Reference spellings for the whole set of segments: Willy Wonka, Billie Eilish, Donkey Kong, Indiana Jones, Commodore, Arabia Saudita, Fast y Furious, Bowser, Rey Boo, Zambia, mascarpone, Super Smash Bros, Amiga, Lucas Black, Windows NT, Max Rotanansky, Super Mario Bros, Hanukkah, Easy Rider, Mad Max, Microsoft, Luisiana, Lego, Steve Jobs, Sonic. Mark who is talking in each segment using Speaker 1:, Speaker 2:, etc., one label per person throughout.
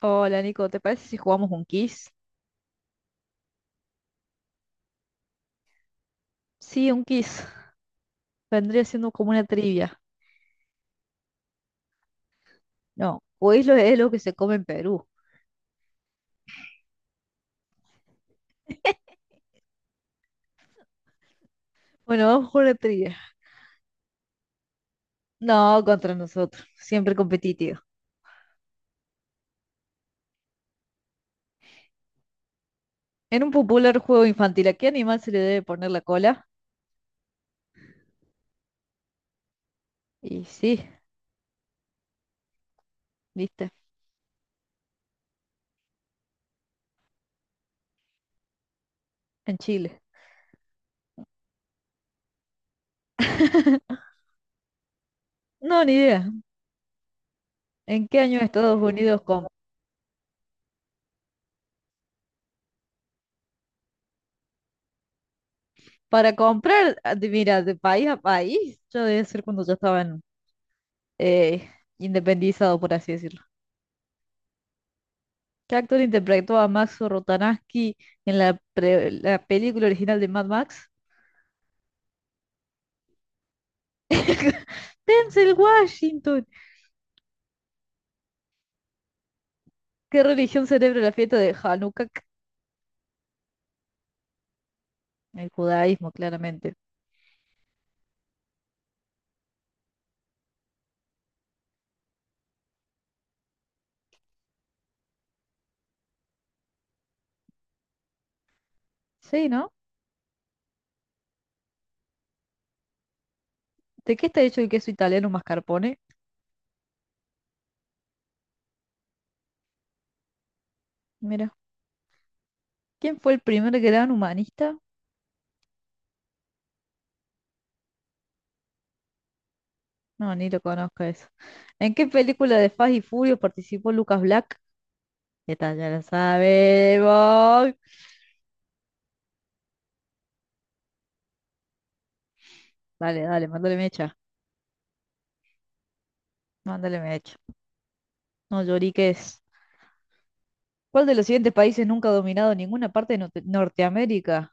Speaker 1: Hola Nico, ¿te parece si jugamos un quiz? Sí, un quiz. Vendría siendo como una trivia. No, quiz lo es lo que se come en Perú. Bueno, vamos con una trivia. No, contra nosotros. Siempre competitivo. En un popular juego infantil, ¿a qué animal se le debe poner la cola? Y sí, viste, en Chile. No, ni idea. ¿En qué año Estados Unidos com- Para comprar, mira, de país a país, yo debe ser cuando ya estaban en- eh, independizado, por así decirlo. ¿Qué actor interpretó a Max Rotanansky en la, pre- la película original de Mad Max? Denzel Washington. ¿Qué religión celebra la fiesta de Hanukkah? El judaísmo, claramente. Sí, ¿no? ¿De qué está hecho el queso italiano mascarpone? Mira. ¿Quién fue el primer gran humanista? No, ni lo conozco eso. ¿En qué película de Fast y Furious participó Lucas Black? Esta ya la sabemos. Dale, dale, mándale mecha. Mándale mecha. No lloriques. ¿Cuál de los siguientes países nunca ha dominado ninguna parte de Norteamérica?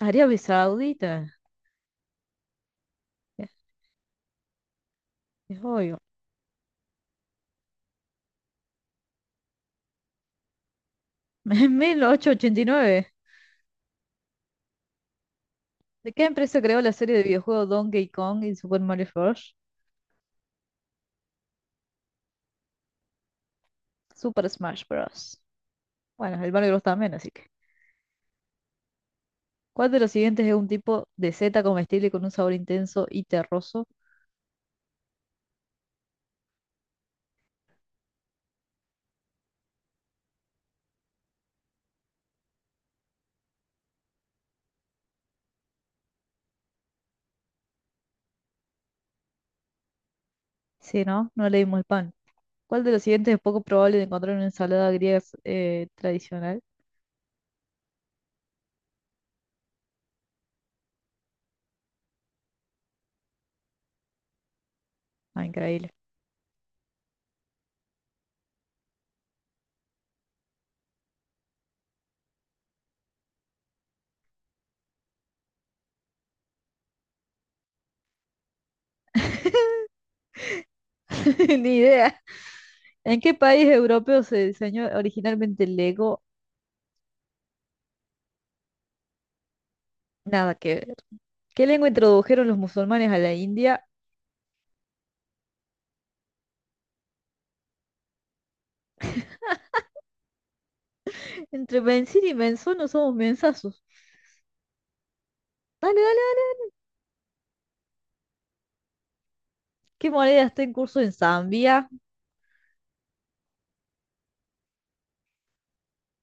Speaker 1: Arabia Saudita. Es, es obvio. En mil ochocientos ochenta y nueve. ¿De qué empresa creó la serie de videojuegos Donkey Kong y Super Mario Bros? Super Smash Bros. Bueno, el Mario Bros también, así que. ¿Cuál de los siguientes es un tipo de seta comestible con un sabor intenso y terroso? Sí, ¿no? No leímos el pan. ¿Cuál de los siguientes es poco probable de encontrar en una ensalada griega tradicional? Ah, increíble. Ni idea. ¿En qué país europeo se diseñó originalmente el Lego? Nada que ver. ¿Qué lengua introdujeron los musulmanes a la India? Entre Benzín y Benzón no somos mensazos. Dale, dale, dale. ¿Qué moneda está en curso en Zambia?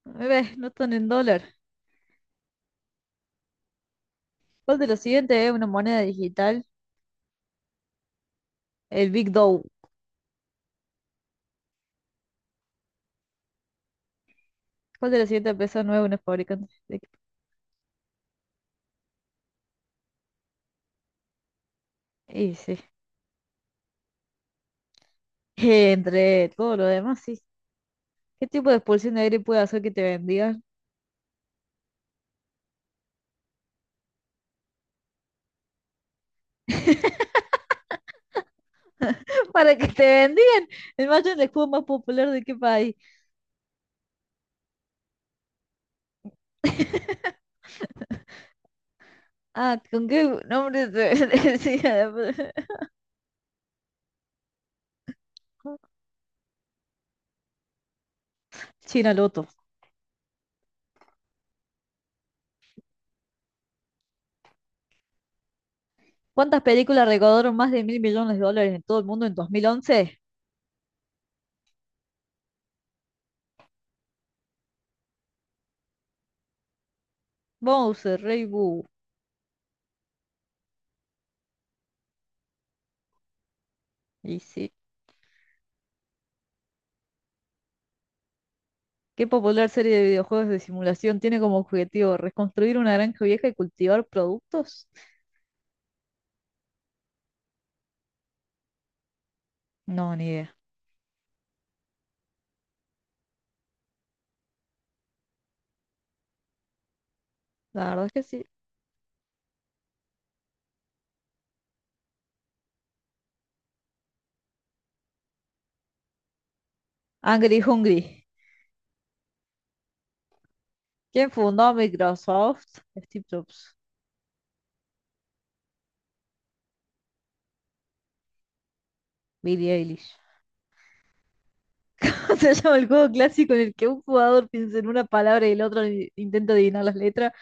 Speaker 1: Ves, no están en dólar. ¿Cuál de los siguientes es una moneda digital? El Big Dow. ¿Cuál de las siguientes empresas no es una fabricante de equipo? Y sí. Entre todo lo demás, sí. ¿Qué tipo de expulsión de aire puede hacer que te bendigan? Para que te bendigan. El macho es el escudo más popular de qué país. Ah, ¿con qué nombre se decía? La- China Loto. ¿Cuántas películas recaudaron más de mil millones de dólares en todo el mundo en 2011? Bowser, Rey Boo. Y sí. ¿Qué popular serie de videojuegos de simulación tiene como objetivo reconstruir una granja vieja y cultivar productos? No, ni idea. La verdad es que sí. Angry Hungry. ¿Quién fundó Microsoft? Steve Jobs. Billie Eilish. Se llama el juego clásico en el que un jugador piensa en una palabra y el otro i- intenta adivinar las letras.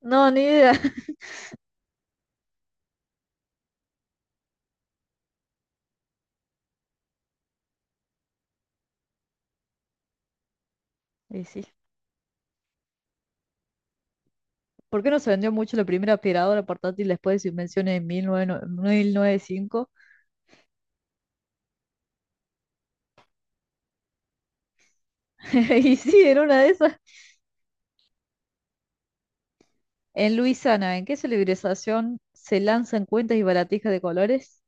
Speaker 1: No, ni idea. Y sí. ¿Por qué no se vendió mucho la primera aspiradora portátil después de su invención en 1909 1905? Y sí, en una de esas. En Luisiana, ¿en qué celebración se lanzan cuentas y baratijas de colores?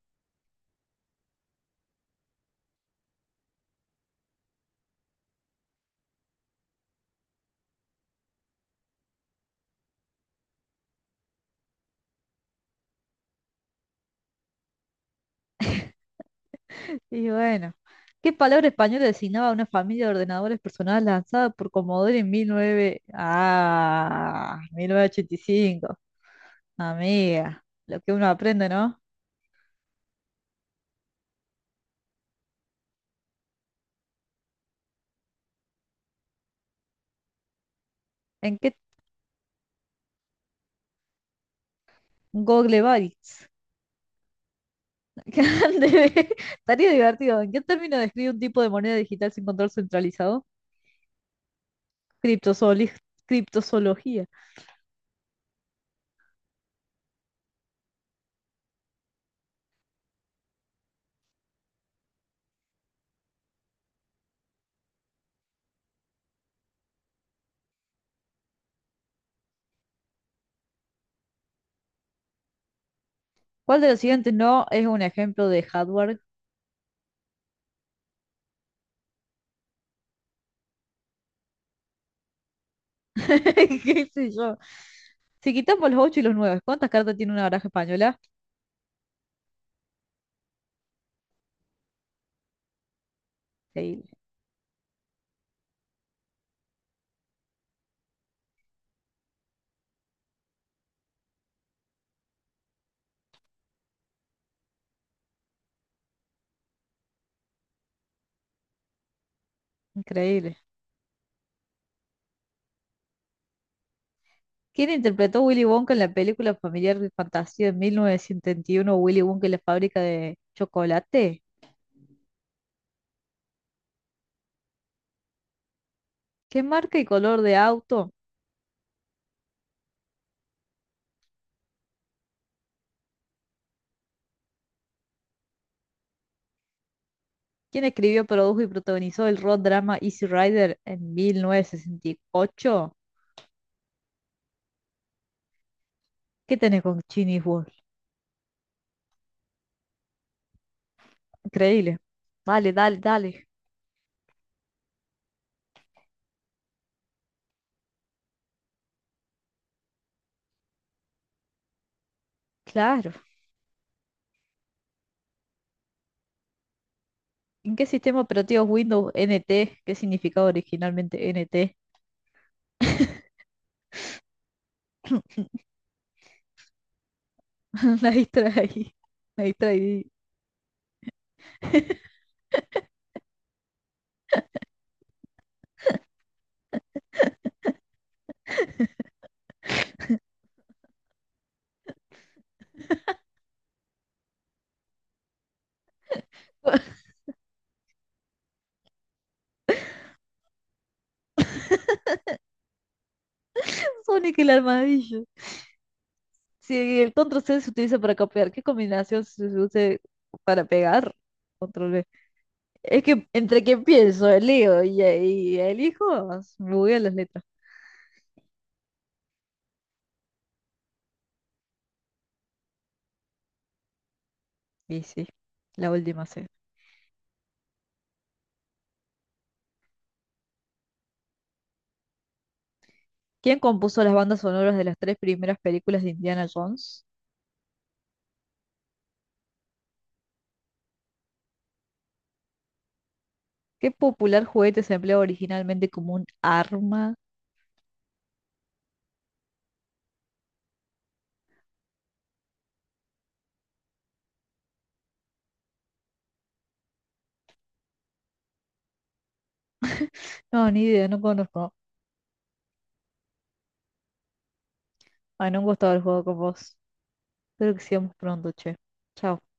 Speaker 1: Y bueno, ¿qué palabra española designaba a una familia de ordenadores personales lanzada por Commodore en 19... Ah, 1985? Amiga, lo que uno aprende, ¿no? ¿En qué Google Bytes? Grande. Estaría divertido. ¿En qué término describe un tipo de moneda digital sin control centralizado? Criptozoli- Criptozoología. ¿Cuál de los siguientes no es un ejemplo de hardware? ¿Qué sé yo? Si quitamos los 8 y los 9, ¿cuántas cartas tiene una baraja española? Increíble, increíble. ¿Quién interpretó a Willy Wonka en la película familiar de fantasía de 1971, Willy Wonka y la fábrica de chocolate? ¿Qué marca y color de auto? Quien escribió, produjo y protagonizó el road drama Easy Rider en 1968. ¿Qué tenés con Genius Wolf? Increíble. Dale, dale, dale. Claro. ¿En qué sistema operativo es Windows NT? ¿Qué significaba originalmente NT? La distraí. La distraí. Sonic el armadillo. Si el control C se utiliza para copiar, ¿qué combinación se usa para pegar? Control V. Es que entre que pienso, leo y elijo, bugueo las letras. Y sí, la última C. ¿Quién compuso las bandas sonoras de las tres primeras películas de Indiana Jones? ¿Qué popular juguete se empleaba originalmente como un arma? No, ni idea, no conozco. Ay, no me gustado el juego con vos. Espero que sigamos pronto, che. Chao.